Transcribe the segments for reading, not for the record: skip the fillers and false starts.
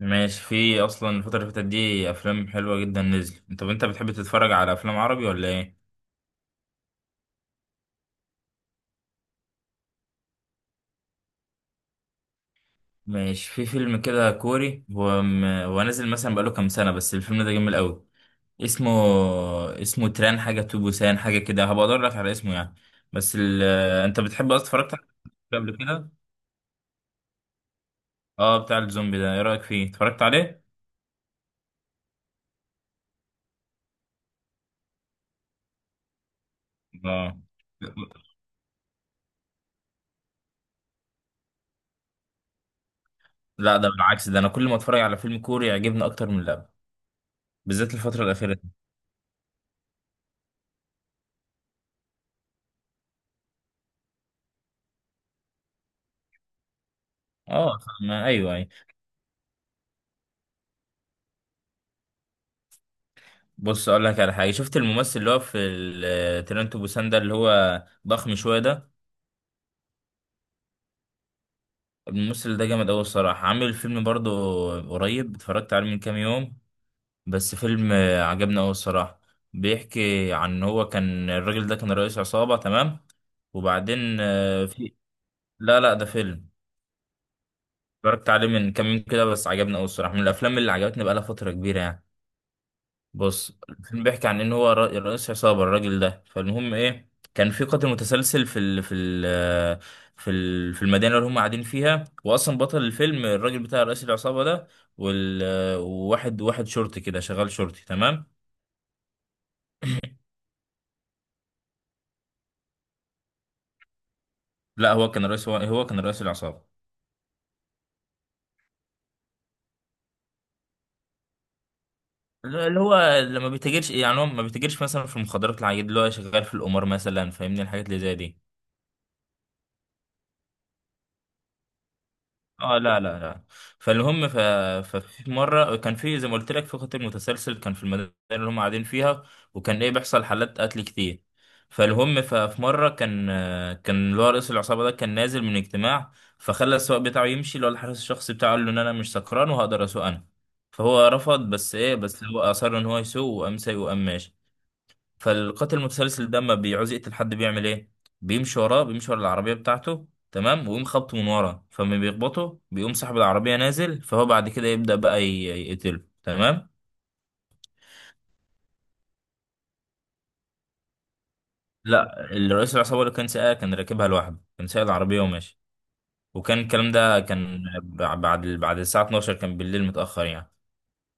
ماشي، في اصلا الفترة اللي فاتت دي افلام حلوة جدا نزل. طب انت بتحب تتفرج على افلام عربي ولا ايه؟ ماشي، في فيلم كده كوري هو نازل مثلا بقاله كام سنة، بس الفيلم ده جميل قوي. اسمه اسمه تران حاجة تو بوسان حاجة كده، هبقى ادور لك على اسمه يعني. بس ال... انت بتحب اصلا؟ اتفرجت على قبل كده؟ اه، بتاع الزومبي ده، ايه رأيك فيه؟ اتفرجت عليه؟ اه، لا ده بالعكس، ده انا كل ما اتفرج على فيلم كوري يعجبني اكتر من اللعبة. بالذات الفترة الأخيرة دي. اه، ايوه أيوه. بص، اقول لك على حاجه. شفت الممثل اللي هو في ترنتو بوسان ده، اللي هو ضخم شويه ده. الممثل ده جامد قوي الصراحه، عامل فيلم برضه. قريب اتفرجت عليه من كام يوم. بس فيلم عجبني قوي الصراحه. بيحكي عن إن هو كان الراجل ده كان رئيس عصابه. تمام. وبعدين في. لا لا، ده فيلم. اتفرجت عليه من كام يوم كده، بس عجبني قوي الصراحه، من الافلام اللي عجبتني بقالها فتره كبيره يعني. بص، الفيلم بيحكي عن ان هو رئيس عصابه الراجل ده. فالمهم ايه، كان في قاتل متسلسل في المدينه اللي هم قاعدين فيها، واصلا بطل الفيلم الراجل بتاع رئيس العصابه ده. وال وواحد شرطي كده شغال شرطي. تمام. لا، هو كان رئيس العصابه. اللي هو لما بيتاجرش، يعني هو ما بيتاجرش مثلا في المخدرات العادية، اللي هو شغال في القمار مثلا، فاهمني الحاجات اللي زي دي. اه لا لا لا. فالهم ففي مره، كان في زي ما قلت لك، في قتل متسلسل كان في المدينه اللي هم قاعدين فيها. وكان ايه، بيحصل حالات قتل كتير. فالهم في مره كان اللي هو رئيس العصابه ده كان نازل من اجتماع. فخلى السواق بتاعه يمشي، اللي هو الحارس الشخصي بتاعه، قال له ان انا مش سكران وهقدر اسوق انا. فهو رفض، بس ايه، بس هو اصر ان هو يسوق، وقام سايق وقام ماشي. فالقاتل المتسلسل ده لما بيعوز يقتل حد بيعمل ايه؟ بيمشي وراه، بيمشي ورا العربيه بتاعته. تمام. ويقوم خبطه من ورا، فما بيخبطه بيقوم صاحب العربيه نازل، فهو بعد كده يبدا بقى يقتله. تمام. لا، الرئيس العصابه اللي كان سايقها كان راكبها لوحده، كان سايق العربيه وماشي. وكان الكلام ده كان بعد الساعه 12، كان بالليل متاخر يعني.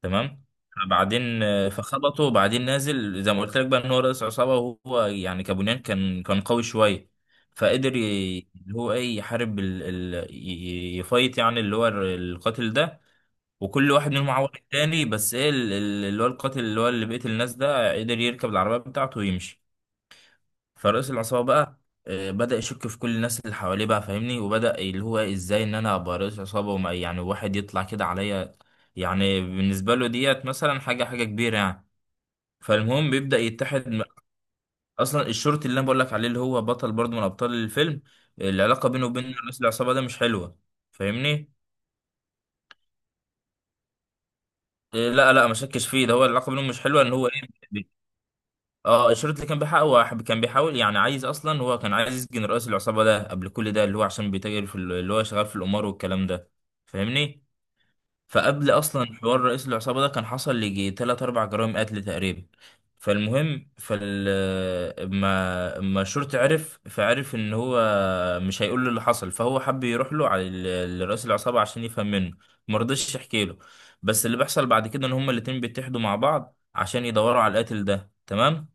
تمام. بعدين فخبطه، وبعدين نازل زي ما قلت لك بقى ان هو رئيس عصابه. وهو يعني كابونيان، كان قوي شويه. فقدر اللي هو ايه، يحارب يفايت يعني اللي هو القاتل ده. وكل واحد منهم عور التاني، بس ايه، اللي هو القاتل اللي هو اللي بيقتل الناس ده قدر يركب العربيه بتاعته ويمشي. فرئيس العصابة بقى بدأ يشك في كل الناس اللي حواليه بقى، فاهمني، وبدأ اللي هو ازاي ان انا ابقى رئيس عصابة وما يعني واحد يطلع كده عليا. يعني بالنسبة له ديت مثلا حاجة كبيرة يعني. فالمهم بيبدأ يتحد اصلا الشرطي اللي انا بقول لك عليه، اللي هو بطل برضه من ابطال الفيلم. العلاقة بينه وبين رئيس العصابة ده مش حلوة. فاهمني. لا لا، ما شكش فيه، ده هو العلاقة بينهم مش حلوة، ان هو ايه. اه، الشريط اللي كان بيحاول، هو كان بيحاول، يعني عايز، اصلا هو كان عايز يسجن رئيس العصابه ده قبل كل ده، اللي هو عشان بيتاجر في اللي هو شغال في القمار والكلام ده. فاهمني. فقبل اصلا حوار رئيس العصابه ده كان حصل ليجي تلات اربع جرائم قتل تقريبا. فالمهم اما الشرطي عرف، فعرف ان هو مش هيقول له اللي حصل، فهو حب يروح له على لرئيس العصابه عشان يفهم منه. مرضيش يحكي له. بس اللي بيحصل بعد كده ان هما الاتنين بيتحدوا مع بعض عشان يدوروا على القاتل ده. تمام.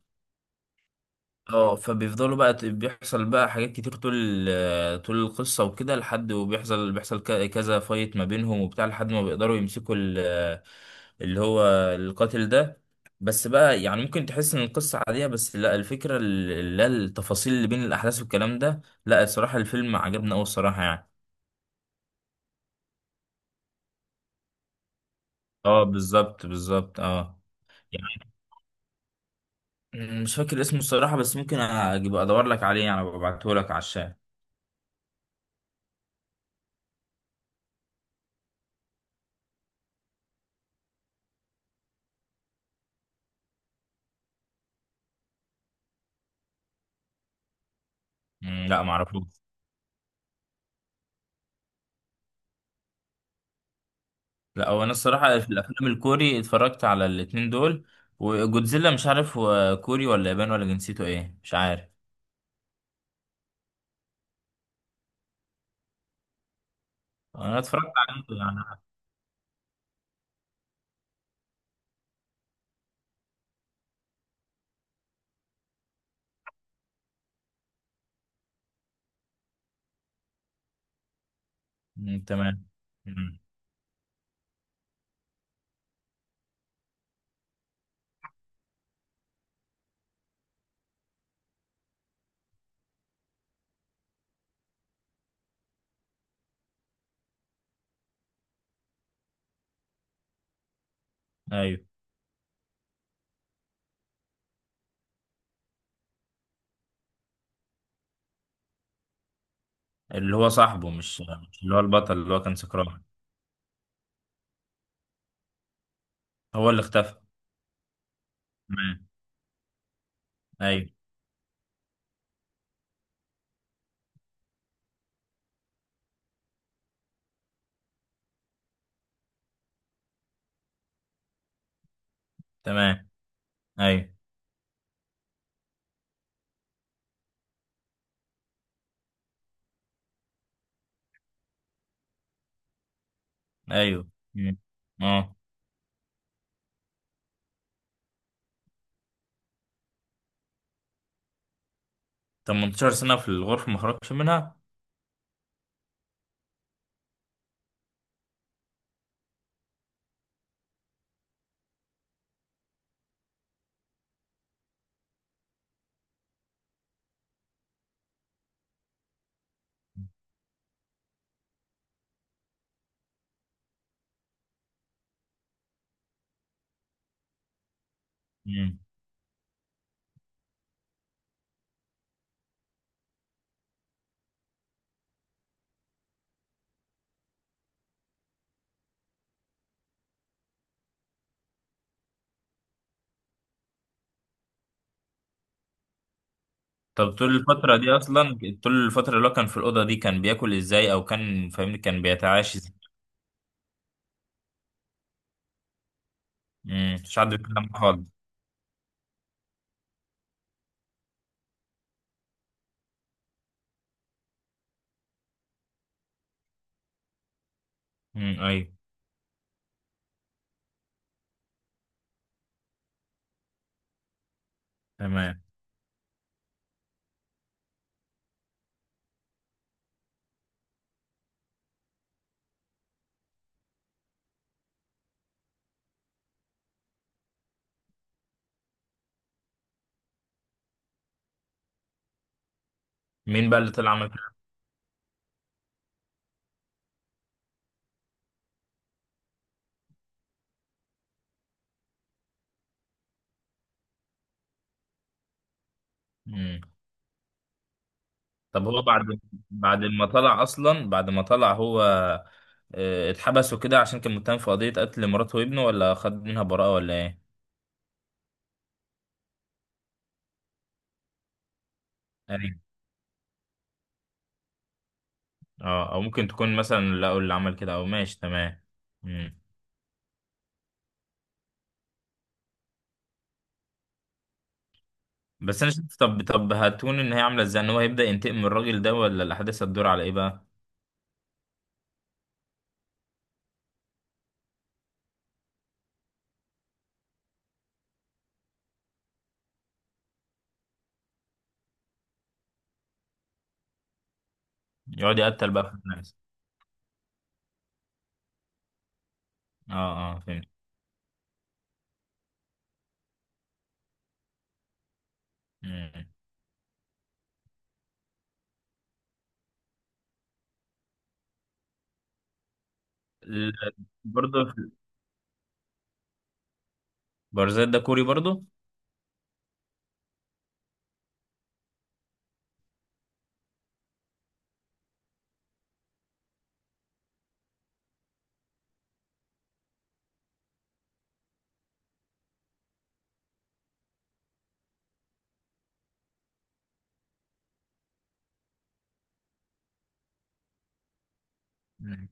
اه، فبيفضلوا بقى بيحصل بقى حاجات كتير طول طول القصة وكده، لحد وبيحصل كذا فايت ما بينهم وبتاع، لحد ما بيقدروا يمسكوا اللي هو القاتل ده. بس بقى يعني، ممكن تحس ان القصة عادية، بس لا، الفكرة لا التفاصيل اللي بين الأحداث والكلام ده، لا الصراحة الفيلم عجبني أوي الصراحة يعني. اه بالظبط بالظبط، اه. يعني مش فاكر اسمه الصراحة، بس ممكن أجيب أدور لك عليه يعني، ببعته لك على الشات. لا معرفوش. لا، هو انا الصراحه في الافلام الكوري اتفرجت على الاتنين دول. وجودزيلا مش عارف هو كوري ولا ياباني ولا جنسيته ايه، مش عارف. انا اتفرجت عليه يعني. مم، تمام. مم، ايوه. اللي هو صاحبه مش اللي هو البطل اللي هو كان سكران. هو اللي اختفى. تمام. ايوه. تمام. ايوه، ايوه. مم. اه. 18 سنه في الغرفه ما خرجش منها؟ مم. طب، طول الفتره دي اصلا، طول الفتره اللي هو كان في الاوضه دي كان بياكل ازاي، او كان فاهمني، كان بيتعاش؟ مش حد بيتكلم معاه خالص؟ ايوه. تمام. مين بقى اللي طلع عمل كده؟ امم. طب هو بعد، بعد ما طلع اصلا بعد ما طلع هو اتحبس وكده عشان كان متهم في قضية قتل مراته وابنه، ولا خد منها براءة ولا ايه؟ ايوه. اه، او ممكن تكون مثلا لقوا اللي عمل كده، او ماشي. تمام. امم. بس انا شفت، طب هتكون ان هي عامله ازاي، ان هو هيبدأ ينتقم من الراجل ده، ولا الاحداث هتدور على ايه بقى؟ يقعد يقتل بقى في الناس. اه. اه، فهمت. امم. ال- برضه بارزات ده كوري برضه؟ مم.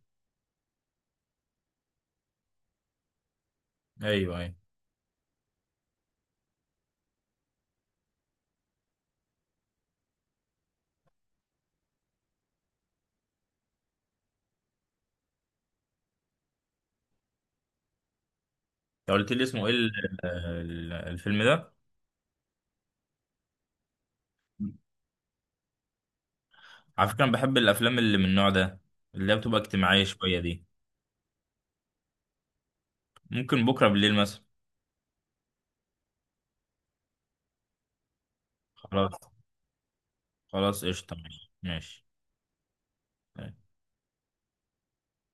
ايوه، ايوه. انت قلت لي اسمه ايه الفيلم ده؟ على فكره، انا بحب الافلام اللي من النوع ده، اللي هي بتبقى اجتماعيه شويه دي. ممكن بكره بالليل مثلا. خلاص. خلاص، قشطه، ماشي ماشي.